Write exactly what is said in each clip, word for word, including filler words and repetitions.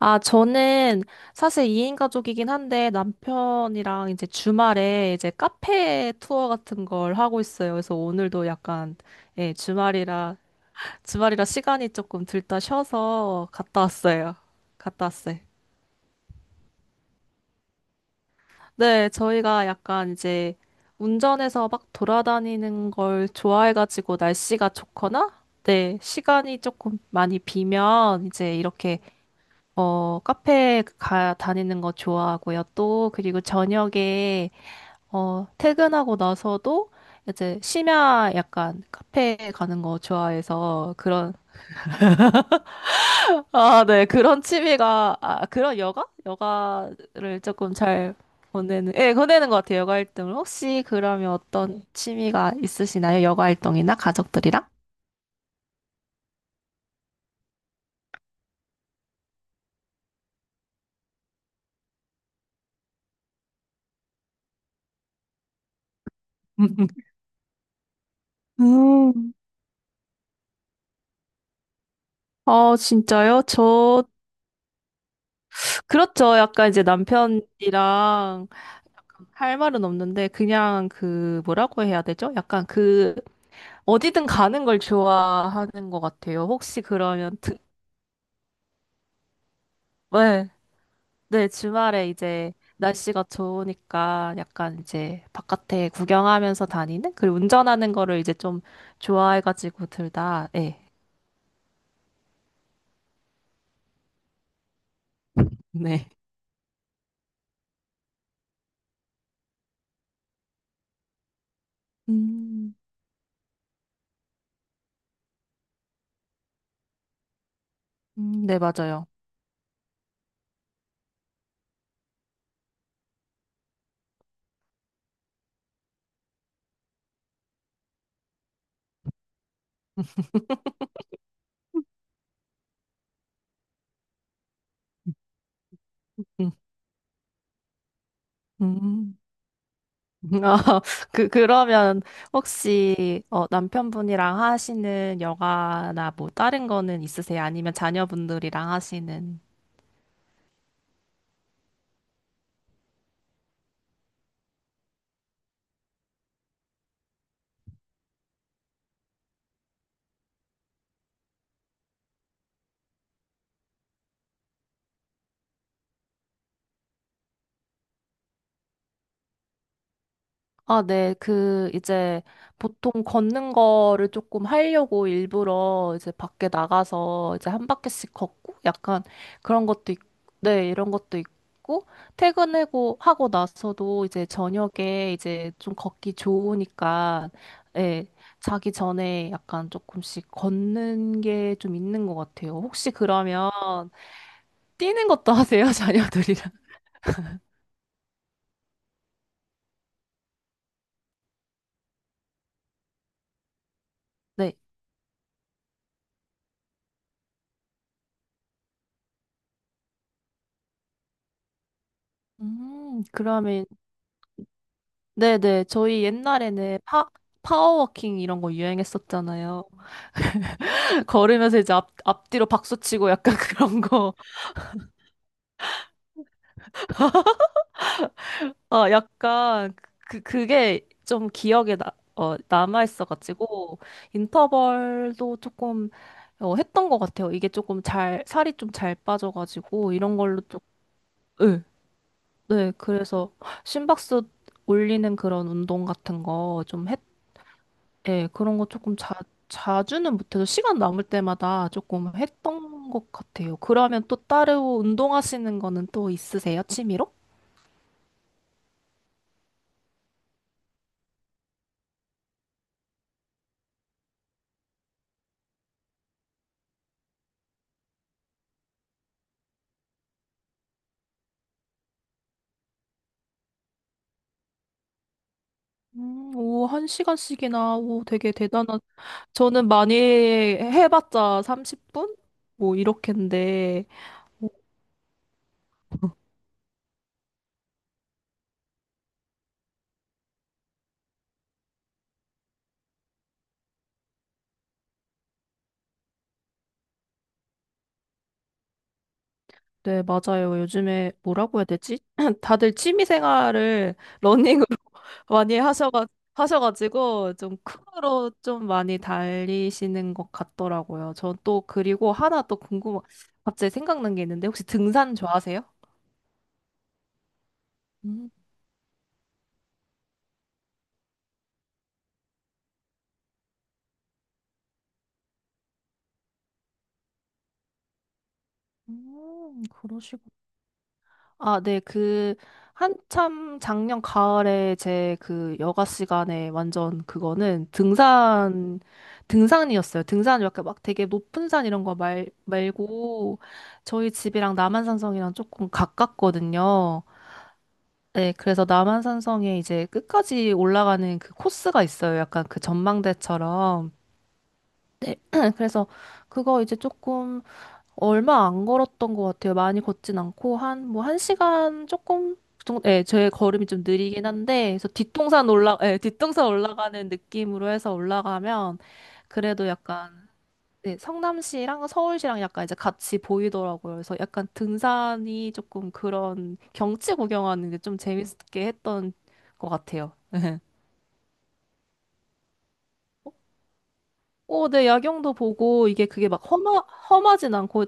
아, 저는 사실 이 인 가족이긴 한데 남편이랑 이제 주말에 이제 카페 투어 같은 걸 하고 있어요. 그래서 오늘도 약간, 예, 주말이라, 주말이라 시간이 조금 들다 쉬어서 갔다 왔어요. 갔다 왔어요. 네, 저희가 약간 이제 운전해서 막 돌아다니는 걸 좋아해가지고 날씨가 좋거나, 네, 시간이 조금 많이 비면 이제 이렇게 어, 카페 가, 다니는 거 좋아하고요. 또, 그리고 저녁에, 어, 퇴근하고 나서도 이제 심야 약간 카페 가는 거 좋아해서 그런, 아, 네, 그런 취미가, 아, 그런 여가? 여가를 조금 잘 보내는, 예, 보내는 것 같아요. 여가 활동을. 혹시 그러면 어떤 취미가 있으시나요? 여가 활동이나 가족들이랑? 음. 아, 진짜요? 저 그렇죠. 약간 이제 남편이랑 할 말은 없는데 그냥 그 뭐라고 해야 되죠? 약간 그 어디든 가는 걸 좋아하는 것 같아요. 혹시 그러면 드... 네, 네, 주말에 이제 날씨가 좋으니까 약간 이제 바깥에 구경하면서 다니는 그리고 운전하는 거를 이제 좀 좋아해가지고 둘 다, 네, 네. 음, 음, 네, 맞아요. 음, 음. 어, 그, 그러면 혹시 어, 남편분이랑 하시는 여가나 뭐 다른 거는 있으세요? 아니면 자녀분들이랑 하시는? 아, 네. 그, 이제, 보통 걷는 거를 조금 하려고 일부러 이제 밖에 나가서 이제 한 바퀴씩 걷고 약간 그런 것도 있, 네, 이런 것도 있고, 퇴근하고 하고 나서도 이제 저녁에 이제 좀 걷기 좋으니까, 예, 자기 전에 약간 조금씩 걷는 게 좀 있는 것 같아요. 혹시 그러면 뛰는 것도 하세요, 자녀들이랑? 네. 음, 그러면 네네. 저희 옛날에는 파, 파워워킹 이런 거 유행했었잖아요. 걸으면서 이제 앞, 앞뒤로 박수 치고 약간 그런 거. 아, 약간 그, 그게 좀 기억에 나, 어, 남아있어가지고, 인터벌도 조금 어, 했던 것 같아요. 이게 조금 잘, 살이 좀 잘 빠져가지고, 이런 걸로 좀, 네, 네. 그래서 심박수 올리는 그런 운동 같은 거 좀 했던 예, 그런 거 조금 자, 자주는 못해도 시간 남을 때마다 조금 했던 것 같아요. 그러면 또 따로 운동하시는 거는 또 있으세요? 취미로? 음, 오, 한 시간씩이나, 오, 되게 대단한. 저는 많이 해봤자 삼십 분? 뭐, 이렇게인데, 네, 맞아요. 요즘에 뭐라고 해야 되지? 다들 취미 생활을 러닝으로 많이 하셔가, 하셔가지고 좀 크루로 좀 많이 달리시는 것 같더라고요. 전 또 그리고 하나 또 궁금, 갑자기 생각난 게 있는데 혹시 등산 좋아하세요? 음, 음, 아, 네, 그, 한참 작년 가을에 제 그 여가 시간에 완전 그거는 등산, 등산이었어요. 등산 이렇게 막 되게 높은 산 이런 거 말, 말고 저희 집이랑 남한산성이랑 조금 가깝거든요. 네, 그래서 남한산성에 이제 끝까지 올라가는 그 코스가 있어요. 약간 그 전망대처럼. 네, 그래서 그거 이제 조금 얼마 안 걸었던 것 같아요. 많이 걷진 않고 한 뭐 한 시간 조금 그 정도. 예, 제 걸음이 좀 느리긴 한데 그래서 뒷동산 올라 예, 뒷동산 올라가는 느낌으로 해서 올라가면 그래도 약간 네, 성남시랑 서울시랑 약간 이제 같이 보이더라고요. 그래서 약간 등산이 조금 그런 경치 구경하는 게 좀 재밌게 했던 것 같아요. 오, 네, 야경도 보고 이게 그게 막 험하, 험하진 않고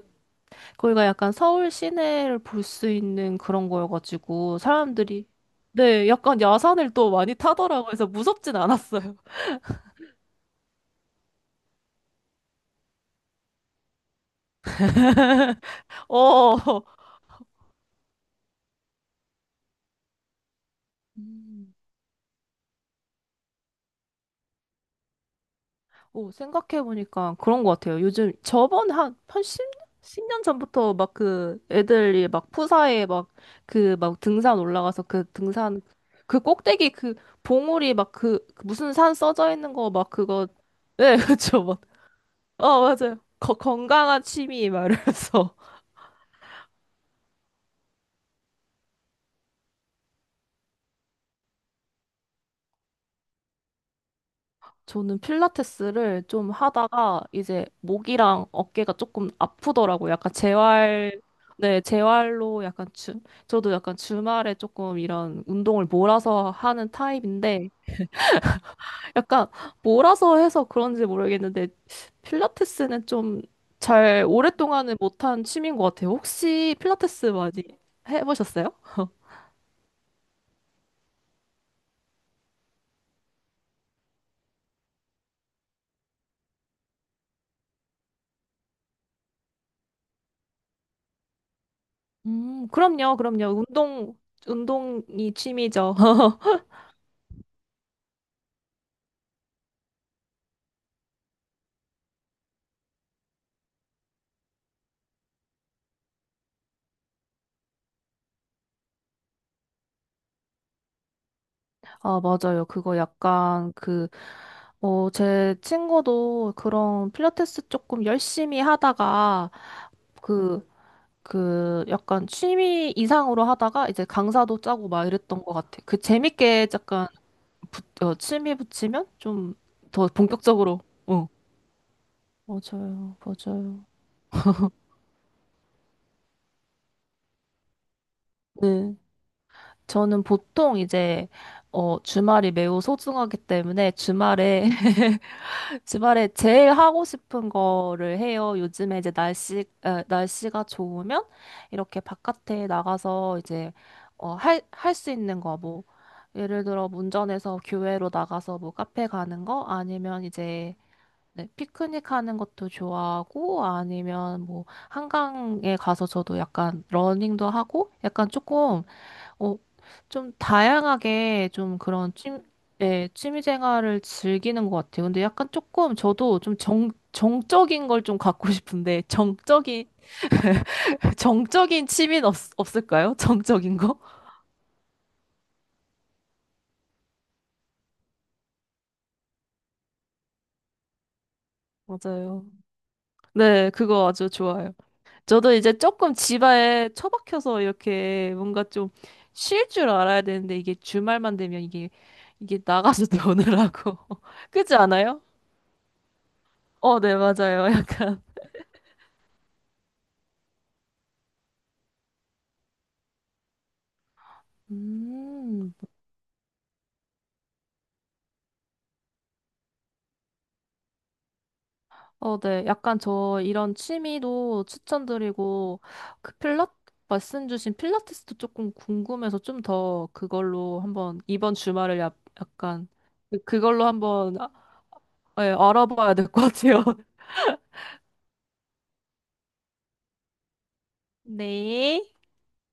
거기가 약간 서울 시내를 볼 수 있는 그런 거여가지고 사람들이 네, 약간 야산을 또 많이 타더라고 해서 무섭진 않았어요. 어, 음. 오, 생각해보니까 그런 것 같아요. 요즘 저번 한, 한 십 년 전부터 막 그 애들이 막 푸사에 막 그 막 등산 올라가서 그 등산 그 꼭대기 그 봉우리 막그 그 무슨 산 써져 있는 거 막 그거 네, 그쵸. 막, 어, 맞아요. 거, 건강한 취미 막 이러면서. 저는 필라테스를 좀 하다가 이제 목이랑 어깨가 조금 아프더라고요. 약간 재활, 네, 재활로 약간 주, 저도 약간 주말에 조금 이런 운동을 몰아서 하는 타입인데 약간 몰아서 해서 그런지 모르겠는데 필라테스는 좀 잘 오랫동안은 못한 취미인 것 같아요. 혹시 필라테스 많이 해보셨어요? 음, 그럼요, 그럼요. 운동, 운동이 취미죠. 아, 맞아요. 그거 약간 그, 어, 제 친구도 그런 필라테스 조금 열심히 하다가 그, 그 약간 취미 이상으로 하다가 이제 강사도 짜고 막 이랬던 것 같아. 그 재밌게 약간 부, 어, 취미 붙이면 좀 더 본격적으로, 어. 맞아요. 맞아요. 네. 저는 보통 이제, 어, 주말이 매우 소중하기 때문에 주말에 주말에 제일 하고 싶은 거를 해요. 요즘에 이제 날씨, 에, 날씨가 좋으면 이렇게 바깥에 나가서 이제, 어, 할, 할 수 있는 거, 뭐, 예를 들어 운전해서 교외로 나가서 뭐 카페 가는 거, 아니면 이제, 네, 피크닉 하는 것도 좋아하고, 아니면 뭐, 한강에 가서 저도 약간 러닝도 하고, 약간 조금 어, 좀 다양하게 좀 그런 취미, 예, 취미 생활을 즐기는 것 같아요. 근데 약간 조금 저도 좀 정, 정적인 걸 좀 갖고 싶은데, 정적인, 정적인 취미는 없, 없을까요? 정적인 거? 맞아요. 네, 그거 아주 좋아요. 저도 이제 조금 집에 처박혀서 이렇게 뭔가 좀 쉴 줄 알아야 되는데, 이게 주말만 되면 이게, 이게 나가서 노느라고. 그렇지 않아요? 어, 네, 맞아요. 음. 어, 네. 약간 저 이런 취미도 추천드리고, 그 필라, 말씀 주신 필라테스도 조금 궁금해서 좀 더 그걸로 한번 이번 주말을 야, 약간 그- 그걸로 한번 아, 예, 알아봐야 될 것 같아요. 네.